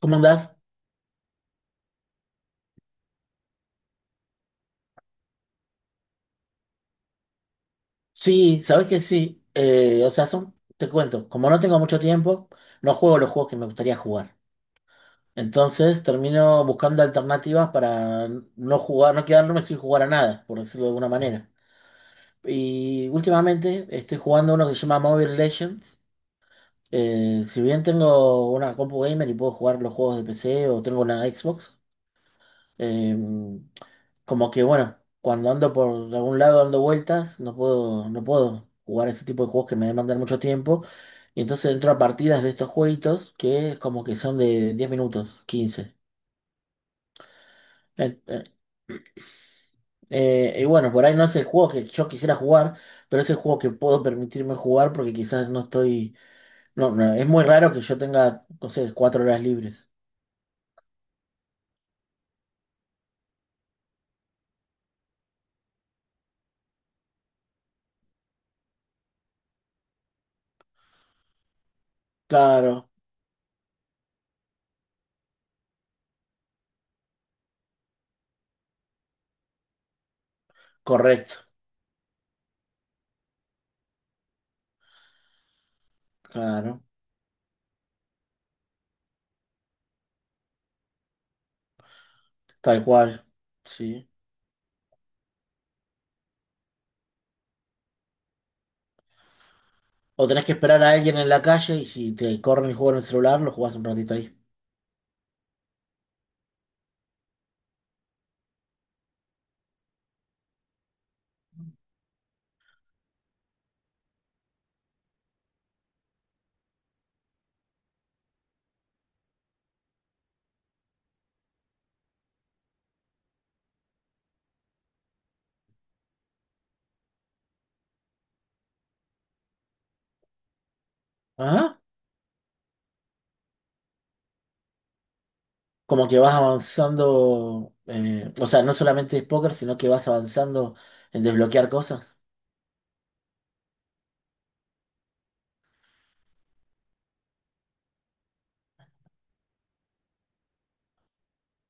¿Cómo andás? Sí, sabes que sí. O sea, son, te cuento, como no tengo mucho tiempo, no juego los juegos que me gustaría jugar. Entonces termino buscando alternativas para no jugar, no quedarme sin jugar a nada, por decirlo de alguna manera. Y últimamente estoy jugando uno que se llama Mobile Legends. Si bien tengo una compu gamer y puedo jugar los juegos de PC o tengo una Xbox, Eh, como que bueno, cuando ando por algún lado dando vueltas, no puedo jugar ese tipo de juegos que me demandan mucho tiempo. Y entonces entro a partidas de estos jueguitos que como que son de 10 minutos, quince. Eh, eh, y bueno, por ahí no es el juego que yo quisiera jugar, pero es el juego que puedo permitirme jugar porque quizás no estoy. No, no, es muy raro que yo tenga, no sé, 4 horas libres. Claro, correcto, claro, tal cual. Sí. O tenés que esperar a alguien en la calle y si te corren el juego en el celular, lo jugás un ratito ahí. Ajá. Como que vas avanzando, o sea, no solamente es póker, sino que vas avanzando en desbloquear cosas.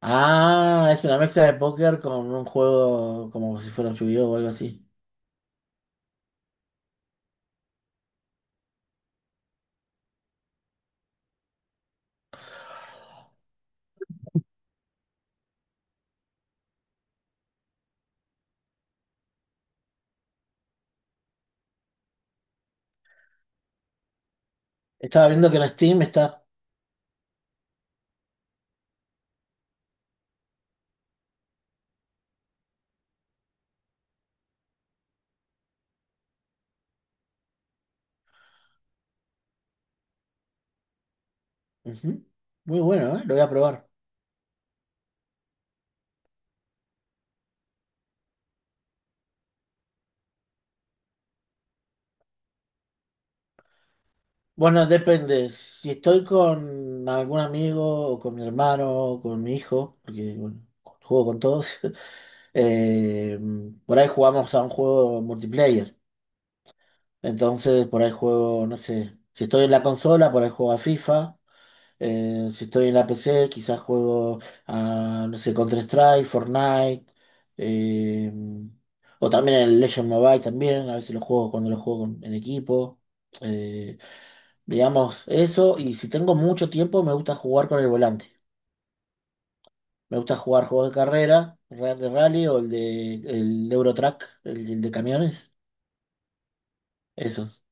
Ah, es una mezcla de póker con un juego como si fuera un yu o algo así. Estaba viendo que en Steam está... Ujú. Muy bueno, ¿eh? Lo voy a probar. Bueno, depende. Si estoy con algún amigo o con mi hermano o con mi hijo, porque bueno, juego con todos. Eh, por ahí jugamos a un juego multiplayer. Entonces, por ahí juego, no sé, si estoy en la consola, por ahí juego a FIFA. Si estoy en la PC, quizás juego a, no sé, Counter-Strike, Fortnite. eh, o también el Legend Mobile también, a veces lo juego cuando lo juego en equipo. Eh, digamos, eso. Y si tengo mucho tiempo, me gusta jugar con el volante. Me gusta jugar juegos de carrera, el de rally o el de el Eurotrack, el de camiones. Esos.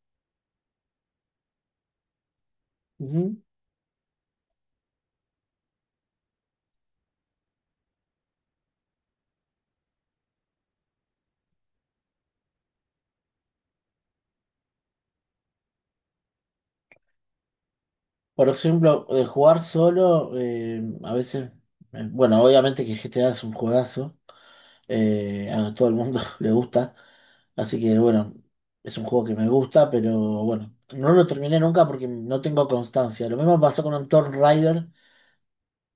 Ujú. Por ejemplo, de jugar solo, a veces, bueno, obviamente que GTA es un juegazo, a todo el mundo le gusta, así que bueno, es un juego que me gusta, pero bueno, no lo terminé nunca porque no tengo constancia. Lo mismo pasó con un Tomb Raider,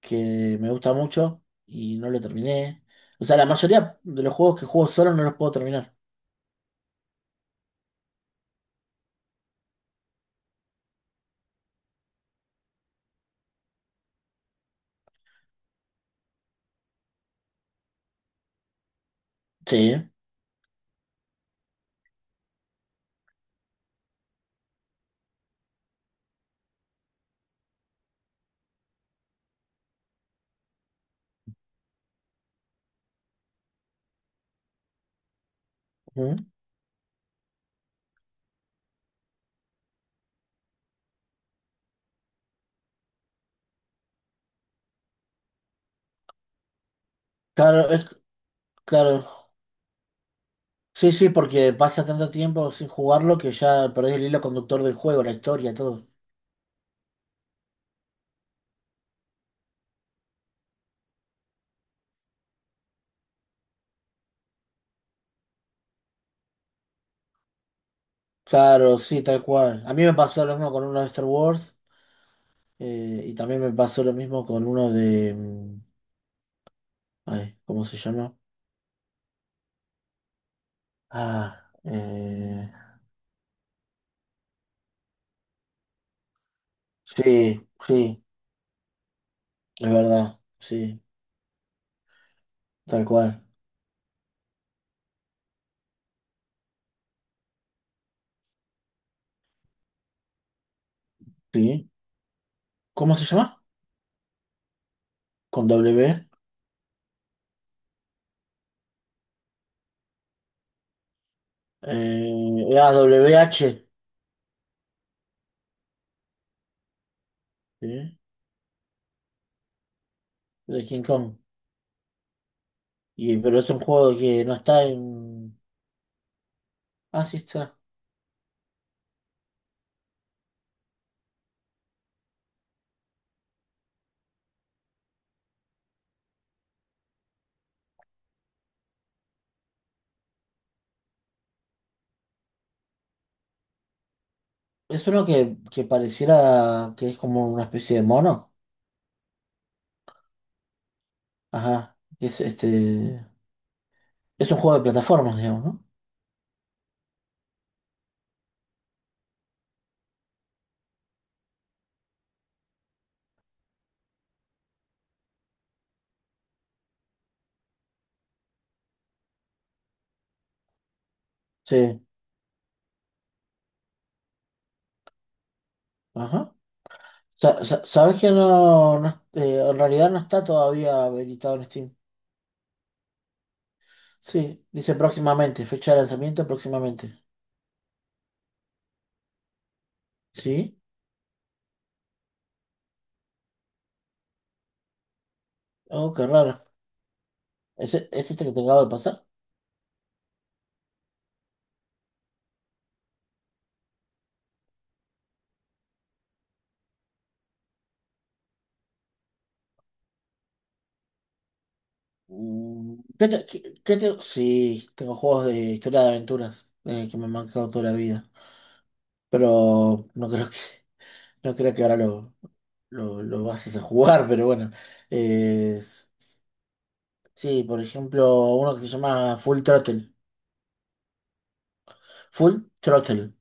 que me gusta mucho y no lo terminé. O sea, la mayoría de los juegos que juego solo no los puedo terminar. Sí. Ujú. Claro, es claro. Sí, sí, porque pasa tanto tiempo sin jugarlo que ya perdés el hilo conductor del juego, la historia, todo. Claro, sí, tal cual. A mí me pasó lo mismo con uno de Star Wars y también me pasó lo mismo con uno de... ay, ¿cómo se llama? Ah, eh, sí, sí, es verdad, sí, tal cual. Sí. ¿Cómo se llama? Con W. Ah, W H, ¿sí? De King Kong. Y, pero es un juego que no está en... Ah, sí está. Es uno que pareciera que es como una especie de mono. Ajá. que Es este. Es un juego de plataformas, digamos, ¿no? Sí. Ajá. ¿Sabes que no en realidad no está todavía habilitado en Steam? Sí, dice próximamente, fecha de lanzamiento próximamente. ¿Sí? Oh, qué raro. ¿Es, es este que te acabo de pasar? ¿Qué te, qué te- Sí, tengo juegos de historia de aventuras que me han marcado toda la vida. Pero no creo que, no creo que ahora lo vas a hacer jugar, pero bueno. Es- sí, por ejemplo, uno que se llama Full Throttle. Full Throttle.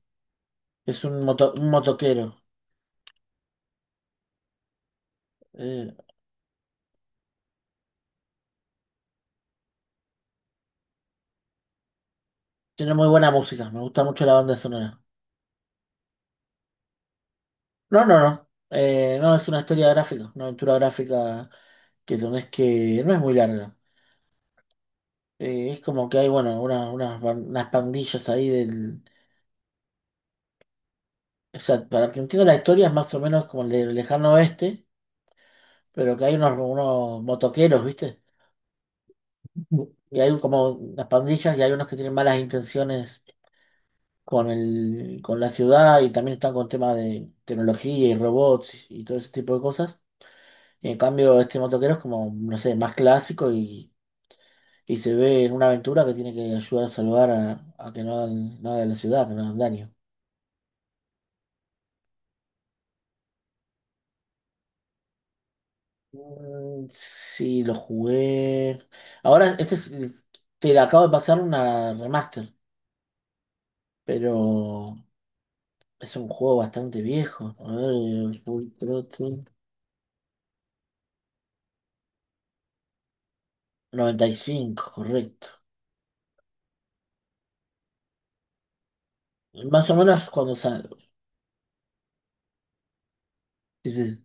Es un moto, un motoquero. Eh, tiene muy buena música, me gusta mucho la banda sonora. No, no, no. No, es una historia gráfica, una aventura gráfica que tenés que... No es muy larga. Es como que hay, bueno, unas, unas pandillas ahí del... O sea, para que entienda la historia es más o menos como el de Lejano Oeste, pero que hay unos, unos motoqueros, ¿viste? Y hay como unas pandillas y hay unos que tienen malas intenciones con el, con la ciudad y también están con temas de tecnología y robots y todo ese tipo de cosas. Y en cambio, este motoquero es como, no sé, más clásico y se ve en una aventura que tiene que ayudar a a que no hagan nada de la ciudad, que no hagan daño. Sí, lo jugué. Ahora, este es, te acabo de pasar una remaster, pero es un juego bastante viejo. A ver, 95 correcto. Más o menos cuando salió. Sí, sí.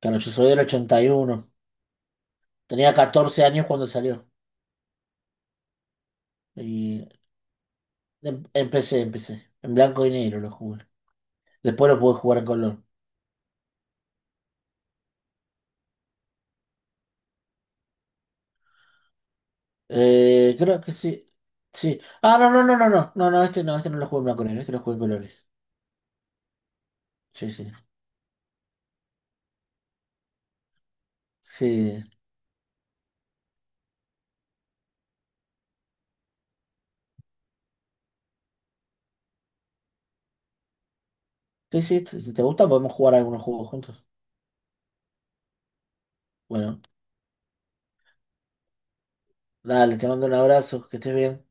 Claro, yo soy del 81. Tenía 14 años cuando salió. Y empecé. En blanco y negro lo jugué. Después lo pude jugar en color. Creo que sí. Sí. Ah, no, no, no, no, no. No, no, este no, este no lo jugué en blanco y negro, este lo jugué en colores. Sí, sí. Sí. Sí, sí, si te gusta podemos jugar algunos juegos juntos. Bueno, dale, te mando un abrazo, que estés bien.